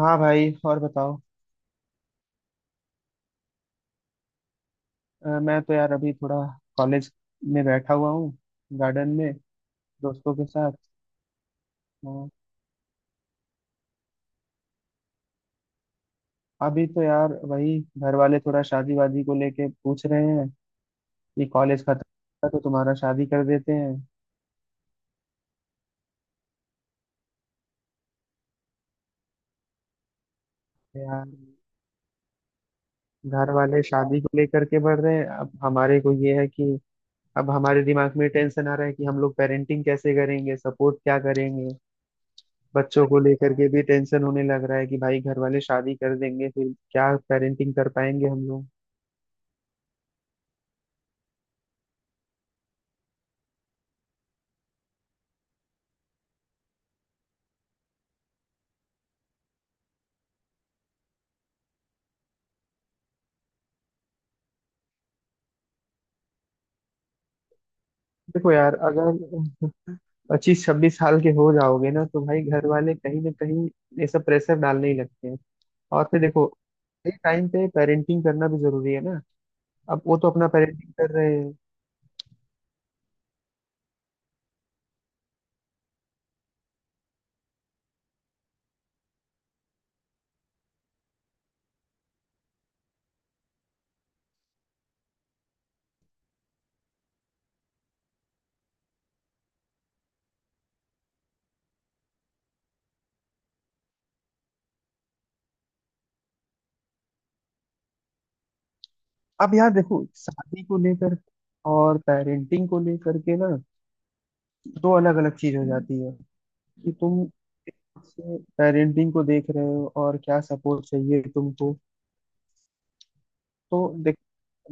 हाँ भाई, और बताओ। मैं तो यार अभी थोड़ा कॉलेज में बैठा हुआ हूँ, गार्डन में, दोस्तों के साथ। हाँ, अभी तो यार वही घर वाले थोड़ा शादी वादी को लेके पूछ रहे हैं कि कॉलेज खत्म होगा तो तुम्हारा शादी कर देते हैं। तो यार घर वाले शादी को लेकर के बढ़ रहे हैं, अब हमारे को ये है कि अब हमारे दिमाग में टेंशन आ रहा है कि हम लोग पेरेंटिंग कैसे करेंगे, सपोर्ट क्या करेंगे। बच्चों को लेकर के भी टेंशन होने लग रहा है कि भाई घर वाले शादी कर देंगे फिर क्या पेरेंटिंग कर पाएंगे हम लोग। देखो यार, अगर 25 26 साल के हो जाओगे ना तो भाई घर वाले कहीं ना कहीं ये सब प्रेशर डालने ही लगते हैं। और फिर देखो, एक टाइम पे पेरेंटिंग करना भी जरूरी है ना। अब वो तो अपना पेरेंटिंग कर रहे हैं। अब यार देखो, शादी को लेकर और पेरेंटिंग को लेकर के ना दो अलग अलग चीज हो जाती है कि तुम पेरेंटिंग को देख रहे हो और क्या सपोर्ट चाहिए तुमको। तो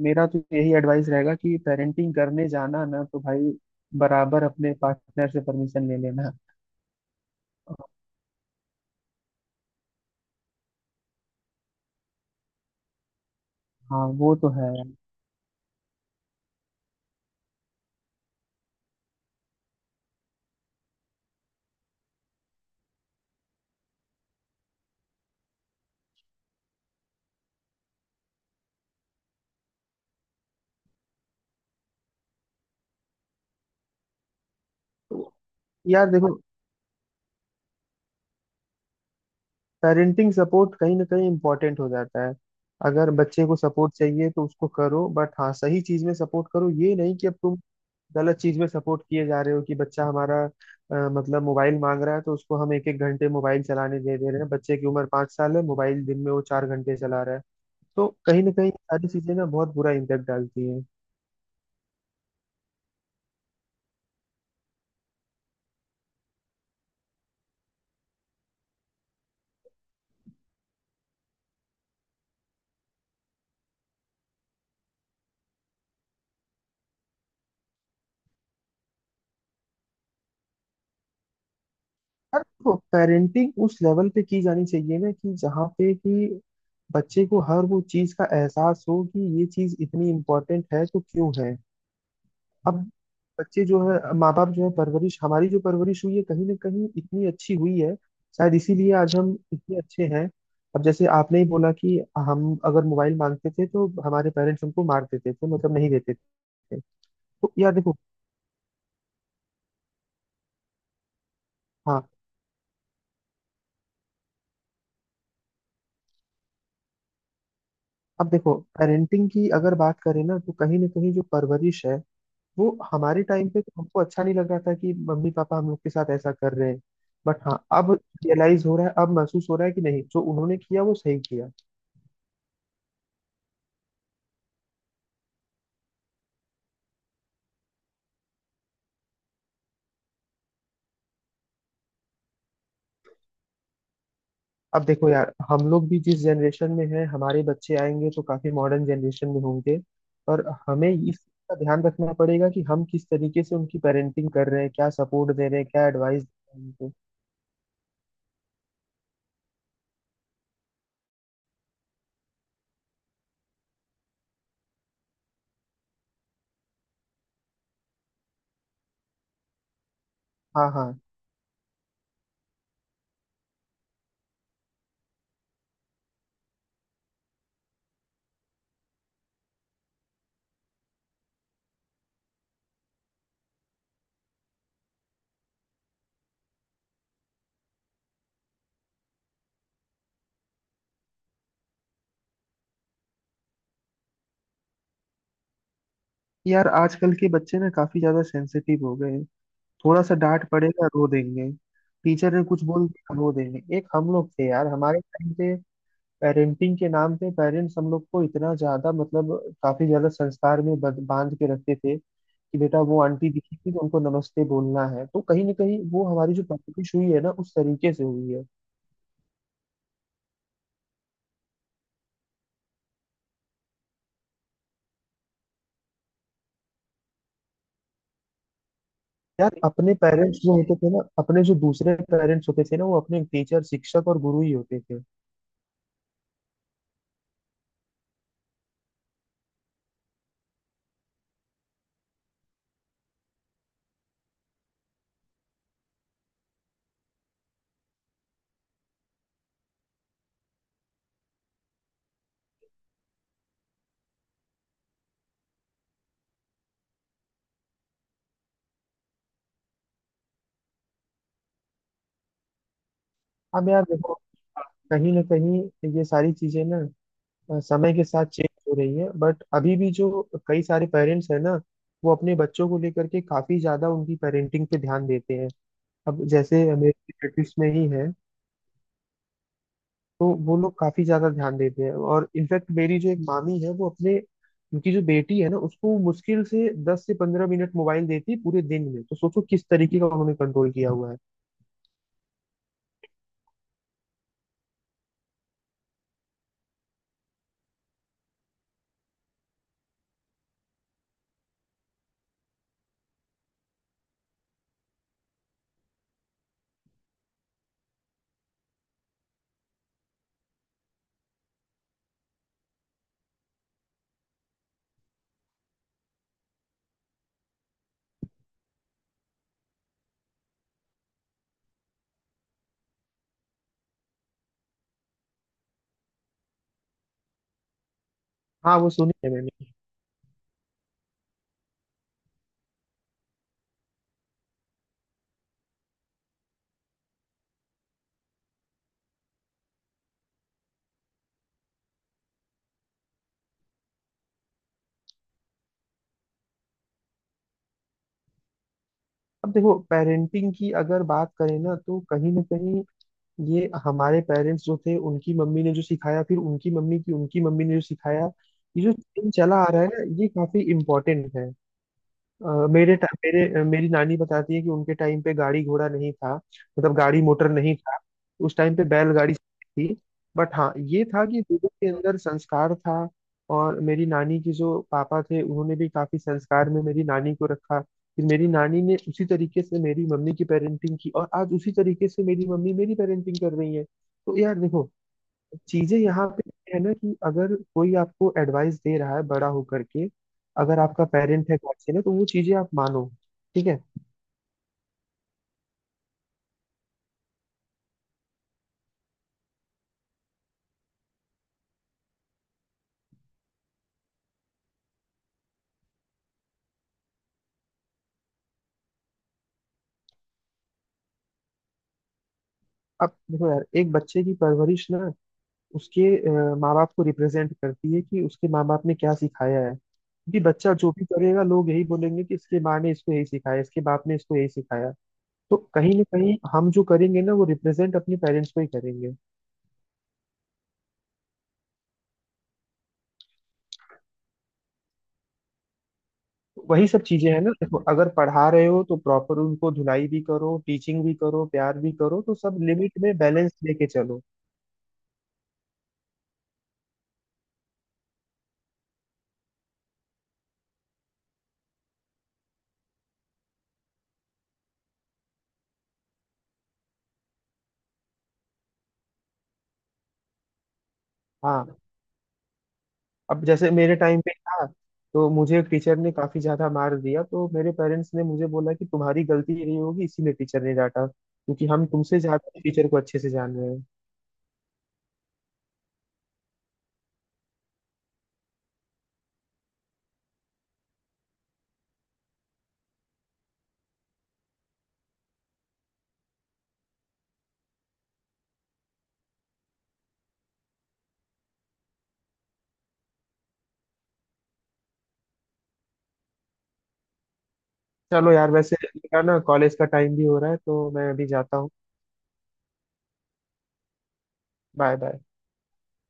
मेरा तो यही एडवाइस रहेगा कि पेरेंटिंग करने जाना ना तो भाई बराबर अपने पार्टनर से परमिशन ले लेना। हाँ वो तो है यार। तो यार देखो, पेरेंटिंग सपोर्ट कहीं ना कहीं इम्पोर्टेंट हो जाता है। अगर बच्चे को सपोर्ट चाहिए तो उसको करो, बट हाँ सही चीज में सपोर्ट करो। ये नहीं कि अब तुम गलत चीज में सपोर्ट किए जा रहे हो कि बच्चा हमारा मतलब मोबाइल मांग रहा है तो उसको हम एक एक घंटे मोबाइल चलाने दे दे रहे हैं। बच्चे की उम्र 5 साल है, मोबाइल दिन में वो 4 घंटे चला रहा है। तो कहीं ना कहीं ये सारी चीजें ना बहुत बुरा इम्पैक्ट डालती हैं। और देखो, पेरेंटिंग उस लेवल पे की जानी चाहिए ना कि जहाँ पे कि बच्चे को हर वो चीज का एहसास हो कि ये चीज इतनी इम्पोर्टेंट है तो क्यों है। अब बच्चे जो है, माँ बाप जो है, परवरिश हमारी जो परवरिश हुई है कहीं ना कहीं इतनी अच्छी हुई है, शायद इसीलिए आज हम इतने अच्छे हैं। अब जैसे आपने ही बोला कि हम अगर मोबाइल मांगते थे तो हमारे पेरेंट्स हमको मार देते थे, तो मतलब नहीं देते थे। तो यार देखो। हाँ, अब देखो पेरेंटिंग की अगर बात करें ना तो कहीं ना कहीं जो परवरिश है वो हमारे टाइम पे तो हमको अच्छा नहीं लग रहा था कि मम्मी पापा हम लोग के साथ ऐसा कर रहे हैं। बट हाँ अब रियलाइज हो रहा है, अब महसूस हो रहा है कि नहीं जो उन्होंने किया वो सही किया। अब देखो यार, हम लोग भी जिस जनरेशन में हैं, हमारे बच्चे आएंगे तो काफी मॉडर्न जनरेशन में होंगे और हमें इस चीज़ का ध्यान रखना पड़ेगा कि हम किस तरीके से उनकी पेरेंटिंग कर रहे हैं, क्या सपोर्ट दे रहे हैं, क्या एडवाइस दे रहे हैं उनको। हाँ हाँ। यार आजकल के बच्चे ना काफी ज्यादा सेंसिटिव हो गए हैं। थोड़ा सा डांट पड़ेगा रो देंगे, टीचर ने कुछ बोल दिया रो देंगे। एक हम लोग थे यार, हमारे टाइम पे पेरेंटिंग के नाम पे पेरेंट्स हम लोग को इतना ज्यादा मतलब काफी ज्यादा संस्कार में बांध के रखते थे कि बेटा वो आंटी दिखी थी तो उनको नमस्ते बोलना है। तो कहीं ना कहीं वो हमारी जो परवरिश हुई है ना उस तरीके से हुई है। यार अपने पेरेंट्स जो होते थे ना, अपने जो दूसरे पेरेंट्स होते थे ना, वो अपने टीचर, शिक्षक और गुरु ही होते थे। हम यार देखो, कहीं ना कहीं ये सारी चीजें ना समय के साथ चेंज हो रही है। बट अभी भी जो कई सारे पेरेंट्स हैं ना, वो अपने बच्चों को लेकर के काफी ज्यादा उनकी पेरेंटिंग पे ध्यान देते हैं। अब जैसे मेरे रिलेटिव्स में ही है, तो वो लोग काफी ज्यादा ध्यान देते हैं और इनफैक्ट मेरी जो एक मामी है वो अपने उनकी जो बेटी है ना उसको मुश्किल से 10 से 15 मिनट मोबाइल देती है पूरे दिन में। तो सोचो किस तरीके का उन्होंने कंट्रोल किया हुआ है। हाँ वो सुनी है मैंने। अब देखो पेरेंटिंग की अगर बात करें ना तो कहीं ना कहीं ये हमारे पेरेंट्स जो थे उनकी मम्मी ने जो सिखाया, फिर उनकी मम्मी की उनकी मम्मी ने जो सिखाया, ये जो दिन चला आ रहा है ना ये काफी इम्पोर्टेंट है। अ, मेरे टा- मेरे अ, मेरी नानी बताती है कि उनके टाइम पे गाड़ी घोड़ा नहीं था, मतलब गाड़ी मोटर नहीं था। उस टाइम पे बैलगाड़ी थी, बट हाँ ये था कि लोगों के अंदर संस्कार था। और मेरी नानी की जो पापा थे उन्होंने भी काफी संस्कार में मेरी नानी को रखा, फिर मेरी नानी ने उसी तरीके से मेरी मम्मी की पेरेंटिंग की और आज उसी तरीके से मेरी मम्मी मेरी पेरेंटिंग कर रही है। तो यार देखो, चीजें यहाँ पे है ना कि अगर कोई आपको एडवाइस दे रहा है बड़ा होकर के, अगर आपका पेरेंट है, गार्जियन है, तो वो चीजें आप मानो। ठीक है। अब देखो यार एक बच्चे की परवरिश ना उसके माँ बाप को रिप्रेजेंट करती है कि उसके माँ बाप ने क्या सिखाया है, क्योंकि बच्चा जो भी करेगा लोग यही बोलेंगे कि इसके माँ ने इसको यही सिखाया, इसके बाप ने इसको यही सिखाया। तो कहीं ना कहीं हम जो करेंगे ना वो रिप्रेजेंट अपने पेरेंट्स को ही करेंगे। वही सब चीजें हैं ना। देखो, अगर पढ़ा रहे हो तो प्रॉपर उनको धुलाई भी करो, टीचिंग भी करो, प्यार भी करो, तो सब लिमिट में बैलेंस लेके चलो। हाँ, अब जैसे मेरे टाइम पे था, तो मुझे एक टीचर ने काफी ज्यादा मार दिया, तो मेरे पेरेंट्स ने मुझे बोला कि तुम्हारी गलती नहीं होगी इसीलिए टीचर ने डांटा, क्योंकि हम तुमसे ज्यादा टीचर को अच्छे से जान रहे हैं। चलो यार, वैसे मेरा ना कॉलेज का टाइम भी हो रहा है तो मैं अभी जाता हूँ। Bye bye.